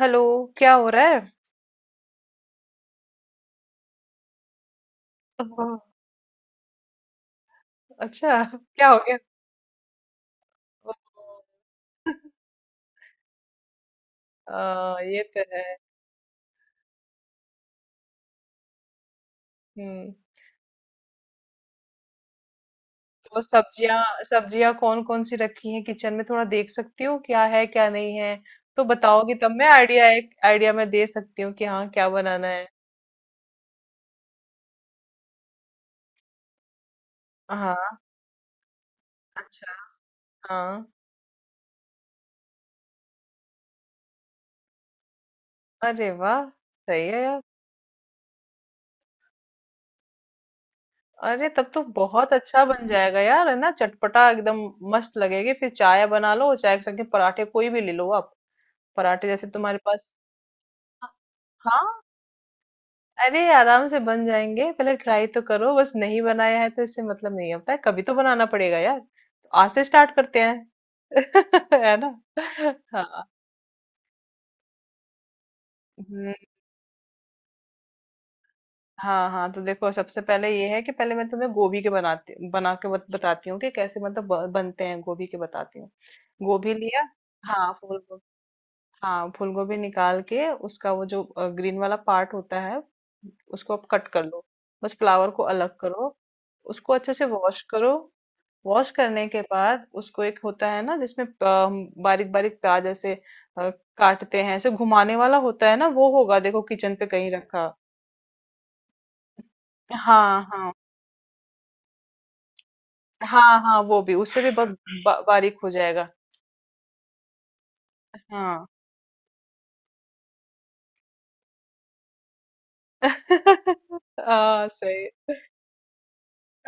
Hello. क्या हो रहा है? ओह, अच्छा क्या हो गया? ओह। ये तो है। हम्म। तो सब्जियां सब्जियां कौन कौन सी रखी हैं किचन में, थोड़ा देख सकती हूँ क्या है क्या नहीं है। तो बताओगी तब मैं आइडिया एक आइडिया मैं दे सकती हूँ कि हाँ क्या बनाना है। हाँ। अच्छा। हाँ। अरे वाह। सही है यार। अरे तब तो बहुत अच्छा बन जाएगा यार, है ना, चटपटा एकदम। मस्त लगेगी फिर। चाय बना लो, चाय के साथ के पराठे कोई भी ले लो आप। पराठे जैसे तुम्हारे पास। हाँ। अरे आराम से बन जाएंगे, पहले ट्राई तो करो। बस नहीं बनाया है तो इससे मतलब नहीं होता है, कभी तो बनाना पड़ेगा यार, तो आज से स्टार्ट करते हैं। है ना। हाँ। हम्म, हाँ हाँ, तो देखो सबसे पहले ये है कि पहले मैं तुम्हें गोभी के बनाती बना के बत, बताती हूँ कि कैसे मतलब बनते हैं गोभी के, बताती हूँ। गोभी लिया। हाँ फूल गोभी। हाँ फूल गोभी निकाल के उसका वो जो ग्रीन वाला पार्ट होता है उसको आप कट कर लो। बस फ्लावर को अलग करो। उसको अच्छे से वॉश करो। वॉश करने के बाद उसको एक होता है ना जिसमें बारीक बारीक प्याज ऐसे अ, काटते हैं, ऐसे घुमाने वाला होता है ना, वो होगा देखो किचन पे कहीं रखा। हाँ हाँ। हाँ हाँ वो भी उससे भी बहुत बारीक हो जाएगा। हाँ। हाँ सही।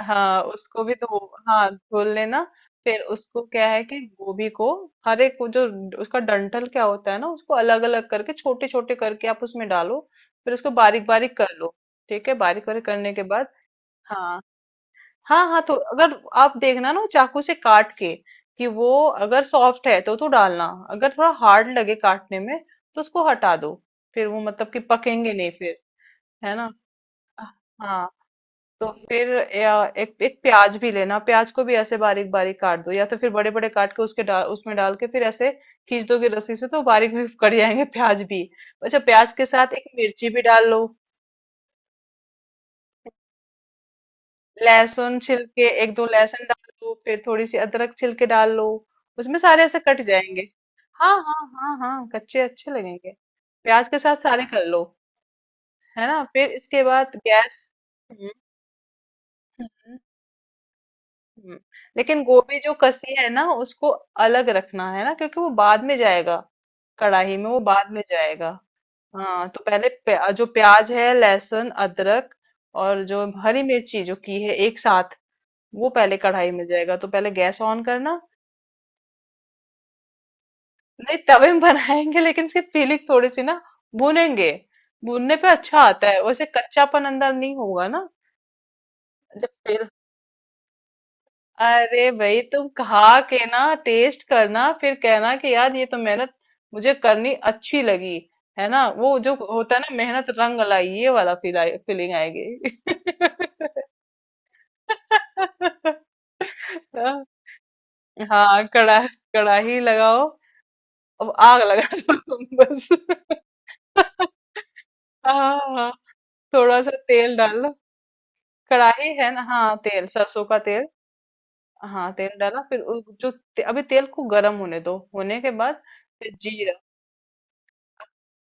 हाँ उसको भी धो। हाँ धो लेना। फिर उसको क्या है कि गोभी को हर एक वो जो उसका डंठल क्या होता है ना उसको अलग अलग करके छोटे छोटे करके आप उसमें डालो। फिर उसको बारीक बारीक कर लो। ठीक है, बारीक बारीक करने के बाद, हाँ हाँ हाँ तो अगर आप देखना ना चाकू से काट के कि वो अगर सॉफ्ट है तो डालना, अगर थोड़ा हार्ड लगे काटने में तो उसको हटा दो, फिर वो मतलब कि पकेंगे नहीं फिर। है ना। हाँ तो फिर या एक एक प्याज भी लेना, प्याज को भी ऐसे बारीक बारीक काट दो या तो फिर बड़े बड़े काट के उसके डाल उसमें डाल के फिर ऐसे खींच दोगे रस्सी से तो बारीक भी कट जाएंगे प्याज भी। अच्छा, प्याज के साथ एक मिर्ची भी डाल लो। लहसुन छिल के एक दो लहसुन डाल लो, फिर थोड़ी सी अदरक छिल के डाल लो। उसमें सारे ऐसे कट जाएंगे। हाँ हाँ। हाँ हाँ कच्चे अच्छे लगेंगे। प्याज के साथ सारे कर लो। है ना फिर इसके बाद गैस। हम्म। हम्म। हम्म, लेकिन गोभी जो कसी है ना उसको अलग रखना है ना क्योंकि वो बाद में जाएगा कढ़ाई में, वो बाद में जाएगा। हाँ तो पहले जो प्याज है लहसुन अदरक और जो हरी मिर्ची जो की है एक साथ वो पहले कढ़ाई में जाएगा, तो पहले गैस ऑन करना। नहीं तवे में बनाएंगे लेकिन इसकी फीलिंग थोड़ी सी ना भूनेंगे, भूनने पे अच्छा आता है वैसे, कच्चापन अंदर नहीं होगा ना। जब तेल, अरे भाई तुम खा के ना टेस्ट करना, फिर कहना कि यार ये तो मेहनत मुझे करनी अच्छी लगी। है ना, वो जो होता है ना, मेहनत रंग लाई, ये वाला फील, फीलिंग आएगी। हाँ कड़ा, कड़ाही लगाओ। अब आग लगा दो तुम बस। हाँ हाँ। थोड़ा सा तेल डालो, कड़ाही है ना, हाँ तेल सरसों का तेल। हाँ तेल डाला, फिर जो अभी तेल को गर्म होने दो, होने के बाद फिर जीरा।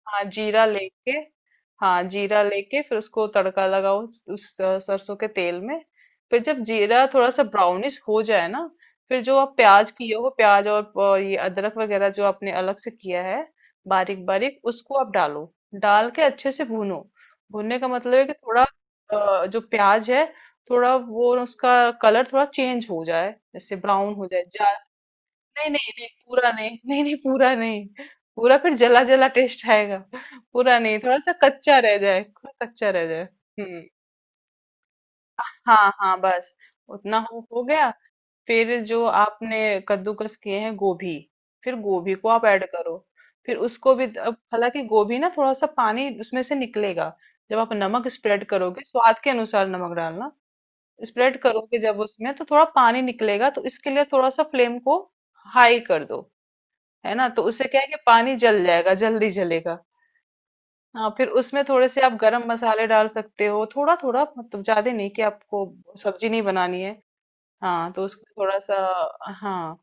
हाँ जीरा लेके। हाँ जीरा लेके फिर उसको तड़का लगाओ उस सरसों के तेल में। फिर जब जीरा थोड़ा सा ब्राउनिश हो जाए ना, फिर जो आप प्याज किए हो प्याज और ये अदरक वगैरह जो आपने अलग से किया है बारीक बारीक उसको आप डालो, डाल के अच्छे से भूनो। भूनने का मतलब है कि थोड़ा जो प्याज है थोड़ा वो उसका कलर थोड़ा चेंज हो जाए, जैसे ब्राउन हो जाए। नहीं नहीं नहीं पूरा नहीं नहीं नहीं पूरा नहीं, पूरा फिर जला जला टेस्ट आएगा। पूरा नहीं, थोड़ा सा कच्चा रह जाए, थोड़ा कच्चा रह जाए। हम्म। हाँ हाँ बस। उतना हो गया। फिर जो आपने कद्दूकस किए हैं गोभी, फिर गोभी को आप ऐड करो। फिर उसको भी अब हालांकि गोभी ना थोड़ा सा पानी उसमें से निकलेगा जब आप नमक स्प्रेड करोगे, स्वाद के अनुसार नमक डालना, स्प्रेड करोगे जब उसमें तो थोड़ा पानी निकलेगा, तो इसके लिए थोड़ा सा फ्लेम को हाई कर दो। है ना, तो उससे क्या है कि पानी जल जाएगा, जल्दी जलेगा। हाँ, फिर उसमें थोड़े से आप गरम मसाले डाल सकते हो थोड़ा थोड़ा, मतलब ज्यादा नहीं कि आपको सब्जी नहीं बनानी है। हाँ तो उसको थोड़ा सा, हाँ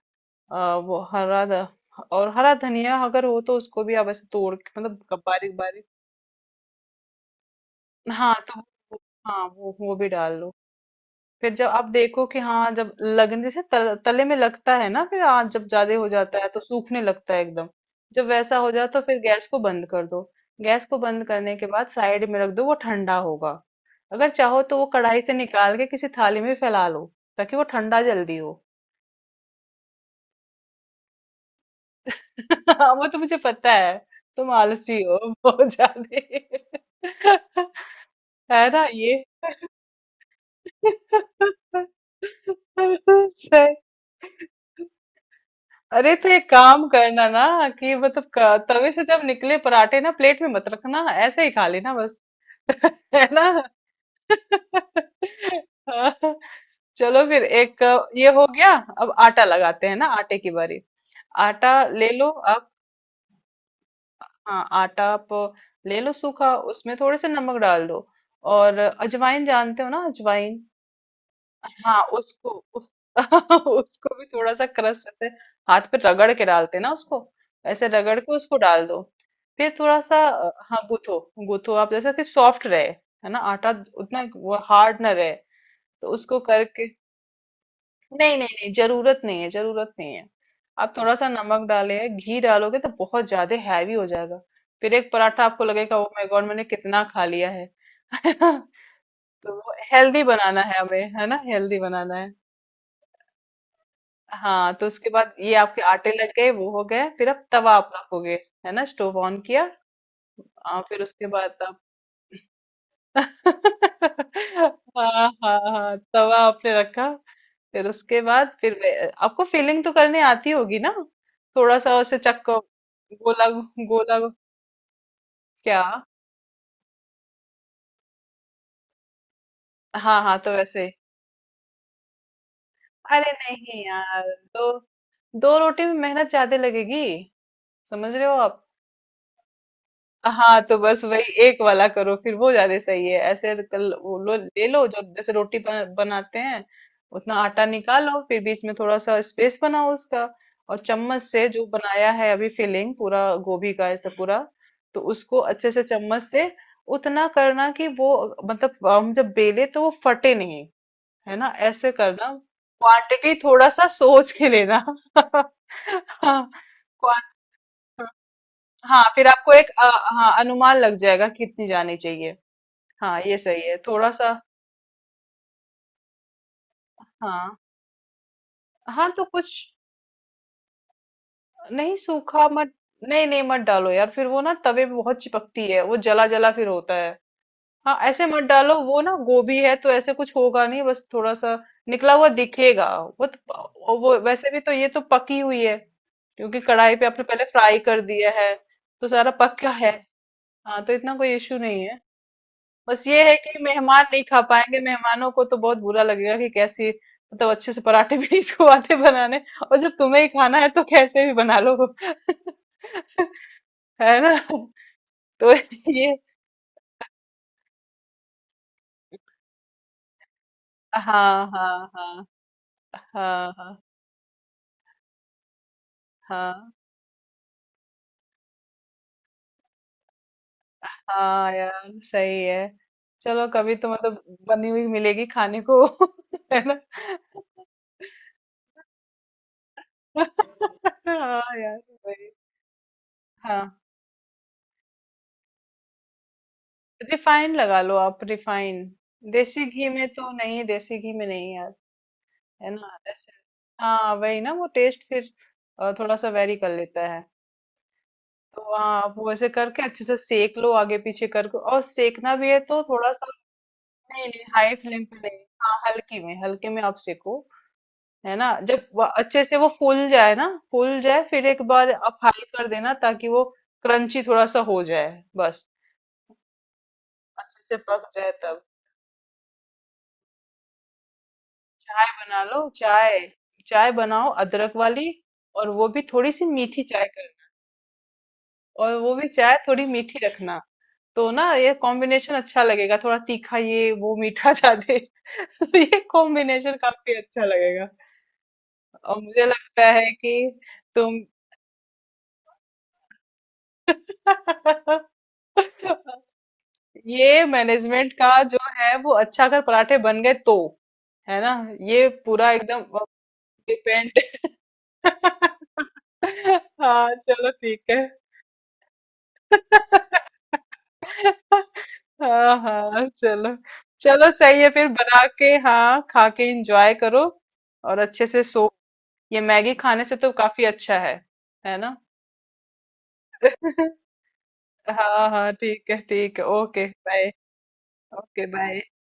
अ, वो हरा ध- और हरा धनिया अगर हो तो उसको भी आप ऐसे तोड़ के मतलब बारीक बारीक। हाँ तो वो, हाँ वो भी डाल लो। फिर जब आप देखो कि हाँ जब लगने जैसे तले में लगता है ना, फिर हाँ जब ज्यादा हो जाता है तो सूखने लगता है एकदम, जब वैसा हो जाए तो फिर गैस को बंद कर दो। गैस को बंद करने के बाद साइड में रख दो, वो ठंडा होगा। अगर चाहो तो वो कढ़ाई से निकाल के किसी थाली में फैला लो ताकि वो ठंडा जल्दी हो। हाँ, वो तो मुझे पता है, तुम आलसी हो बहुत ज्यादा। है ना ये। सही। अरे तो एक काम करना ना कि मतलब तवे से जब निकले पराठे ना प्लेट में मत रखना, ऐसे ही खा लेना बस। है ना। हाँ, चलो फिर एक ये हो गया। अब आटा लगाते हैं ना, आटे की बारी। आटा ले लो आप। हाँ आटा आप ले लो सूखा, उसमें थोड़े से नमक डाल दो और अजवाइन जानते हो ना, अजवाइन। हाँ उसको भी थोड़ा सा क्रश ऐसे हाथ पे रगड़ के डालते हैं ना उसको, ऐसे रगड़ के उसको डाल दो। फिर थोड़ा सा हाँ गूथो, गूथो आप जैसा कि सॉफ्ट रहे, है ना आटा, उतना वो हार्ड ना रहे, तो उसको करके, नहीं नहीं नहीं जरूरत नहीं है, जरूरत नहीं है। आप थोड़ा सा नमक डाले, घी डालोगे तो बहुत ज्यादा हैवी हो जाएगा। फिर एक पराठा आपको लगेगा ओ माय गॉड मैंने कितना खा लिया है। है ना। तो वो हेल्दी बनाना है हमें, है ना, हेल्दी बनाना है। हाँ तो उसके बाद ये आपके आटे लग गए, वो हो गए, फिर आप तवा आप रखोगे, है ना, स्टोव ऑन किया। फिर उसके बाद आप हाँ हाँ हाँ तवा आपने रखा फिर उसके बाद फिर आपको फीलिंग तो करने आती होगी ना, थोड़ा सा उसे चक्को, गोला गोला। क्या, हाँ हाँ तो वैसे, अरे नहीं यार, दो दो रोटी में मेहनत ज्यादा लगेगी, समझ रहे हो आप? हाँ तो बस वही एक वाला करो फिर, वो ज्यादा सही है ऐसे, कल वो लो ले लो जो जैसे बनाते हैं उतना आटा निकालो, फिर बीच में थोड़ा सा स्पेस बनाओ उसका और चम्मच से जो बनाया है अभी फिलिंग, पूरा गोभी का ऐसा पूरा, तो उसको अच्छे से चम्मच से उतना करना कि वो मतलब हम जब बेले तो वो फटे नहीं, है ना ऐसे करना। क्वांटिटी थोड़ा सा सोच के लेना। हाँ हाँ, फिर आपको एक हाँ अनुमान लग जाएगा कितनी जानी चाहिए। हाँ ये सही है थोड़ा सा। हाँ हाँ तो कुछ नहीं, सूखा मत, नहीं नहीं मत डालो यार, फिर वो ना तवे पे बहुत चिपकती है, वो जला जला फिर होता है। हाँ ऐसे मत डालो, वो ना गोभी है तो ऐसे कुछ होगा नहीं, बस थोड़ा सा निकला हुआ दिखेगा, वो तो, वो वैसे भी तो ये तो पकी हुई है क्योंकि कढ़ाई पे आपने पहले फ्राई कर दिया है, तो सारा पक्का है। हाँ तो इतना कोई इश्यू नहीं है, बस ये है कि मेहमान नहीं खा पाएंगे, मेहमानों को तो बहुत बुरा लगेगा कि कैसी मतलब अच्छे से पराठे भी नहीं को आते बनाने, और जब तुम्हें ही खाना है तो कैसे भी बना लो। है ना, तो ये, हाँ हाँ हाँ हाँ हाँ हाँ हाँ यार सही है, चलो कभी तो मतलब बनी हुई मिलेगी खाने को। है ना। हाँ यार सही। हाँ रिफाइन लगा लो आप, रिफाइन, देसी घी में तो नहीं, देसी घी में नहीं यार। है ना ऐसे, हाँ वही ना, वो टेस्ट फिर थोड़ा सा वेरी कर लेता है। तो हाँ आप वो ऐसे करके अच्छे से सेक लो आगे पीछे करके, और सेकना भी है तो थोड़ा सा, नहीं नहीं हाई फ्लेम पे नहीं, हाँ हल्की में हल्के में आप सेको, है ना। जब वो अच्छे से वो फूल जाए ना, फूल जाए फिर एक बार आप हाई कर देना ताकि वो क्रंची थोड़ा सा हो जाए, बस अच्छे से पक जाए तब। चाय बना लो चाय, चाय बनाओ अदरक वाली, और वो भी थोड़ी सी मीठी चाय, और वो भी चाय थोड़ी मीठी रखना तो ना ये कॉम्बिनेशन अच्छा लगेगा, थोड़ा तीखा ये, वो मीठा ज्यादा। तो ये कॉम्बिनेशन काफी अच्छा लगेगा और मुझे लगता है कि तुम। ये मैनेजमेंट का जो है वो अच्छा अगर पराठे बन गए तो, है ना, ये पूरा एकदम डिपेंड। हाँ चलो ठीक है। हाँ हाँ चलो, चलो सही है फिर बना के हाँ खा के इंजॉय करो और अच्छे से सो, ये मैगी खाने से तो काफी अच्छा है ना। हाँ हाँ ठीक है ओके बाय, ओके बाय।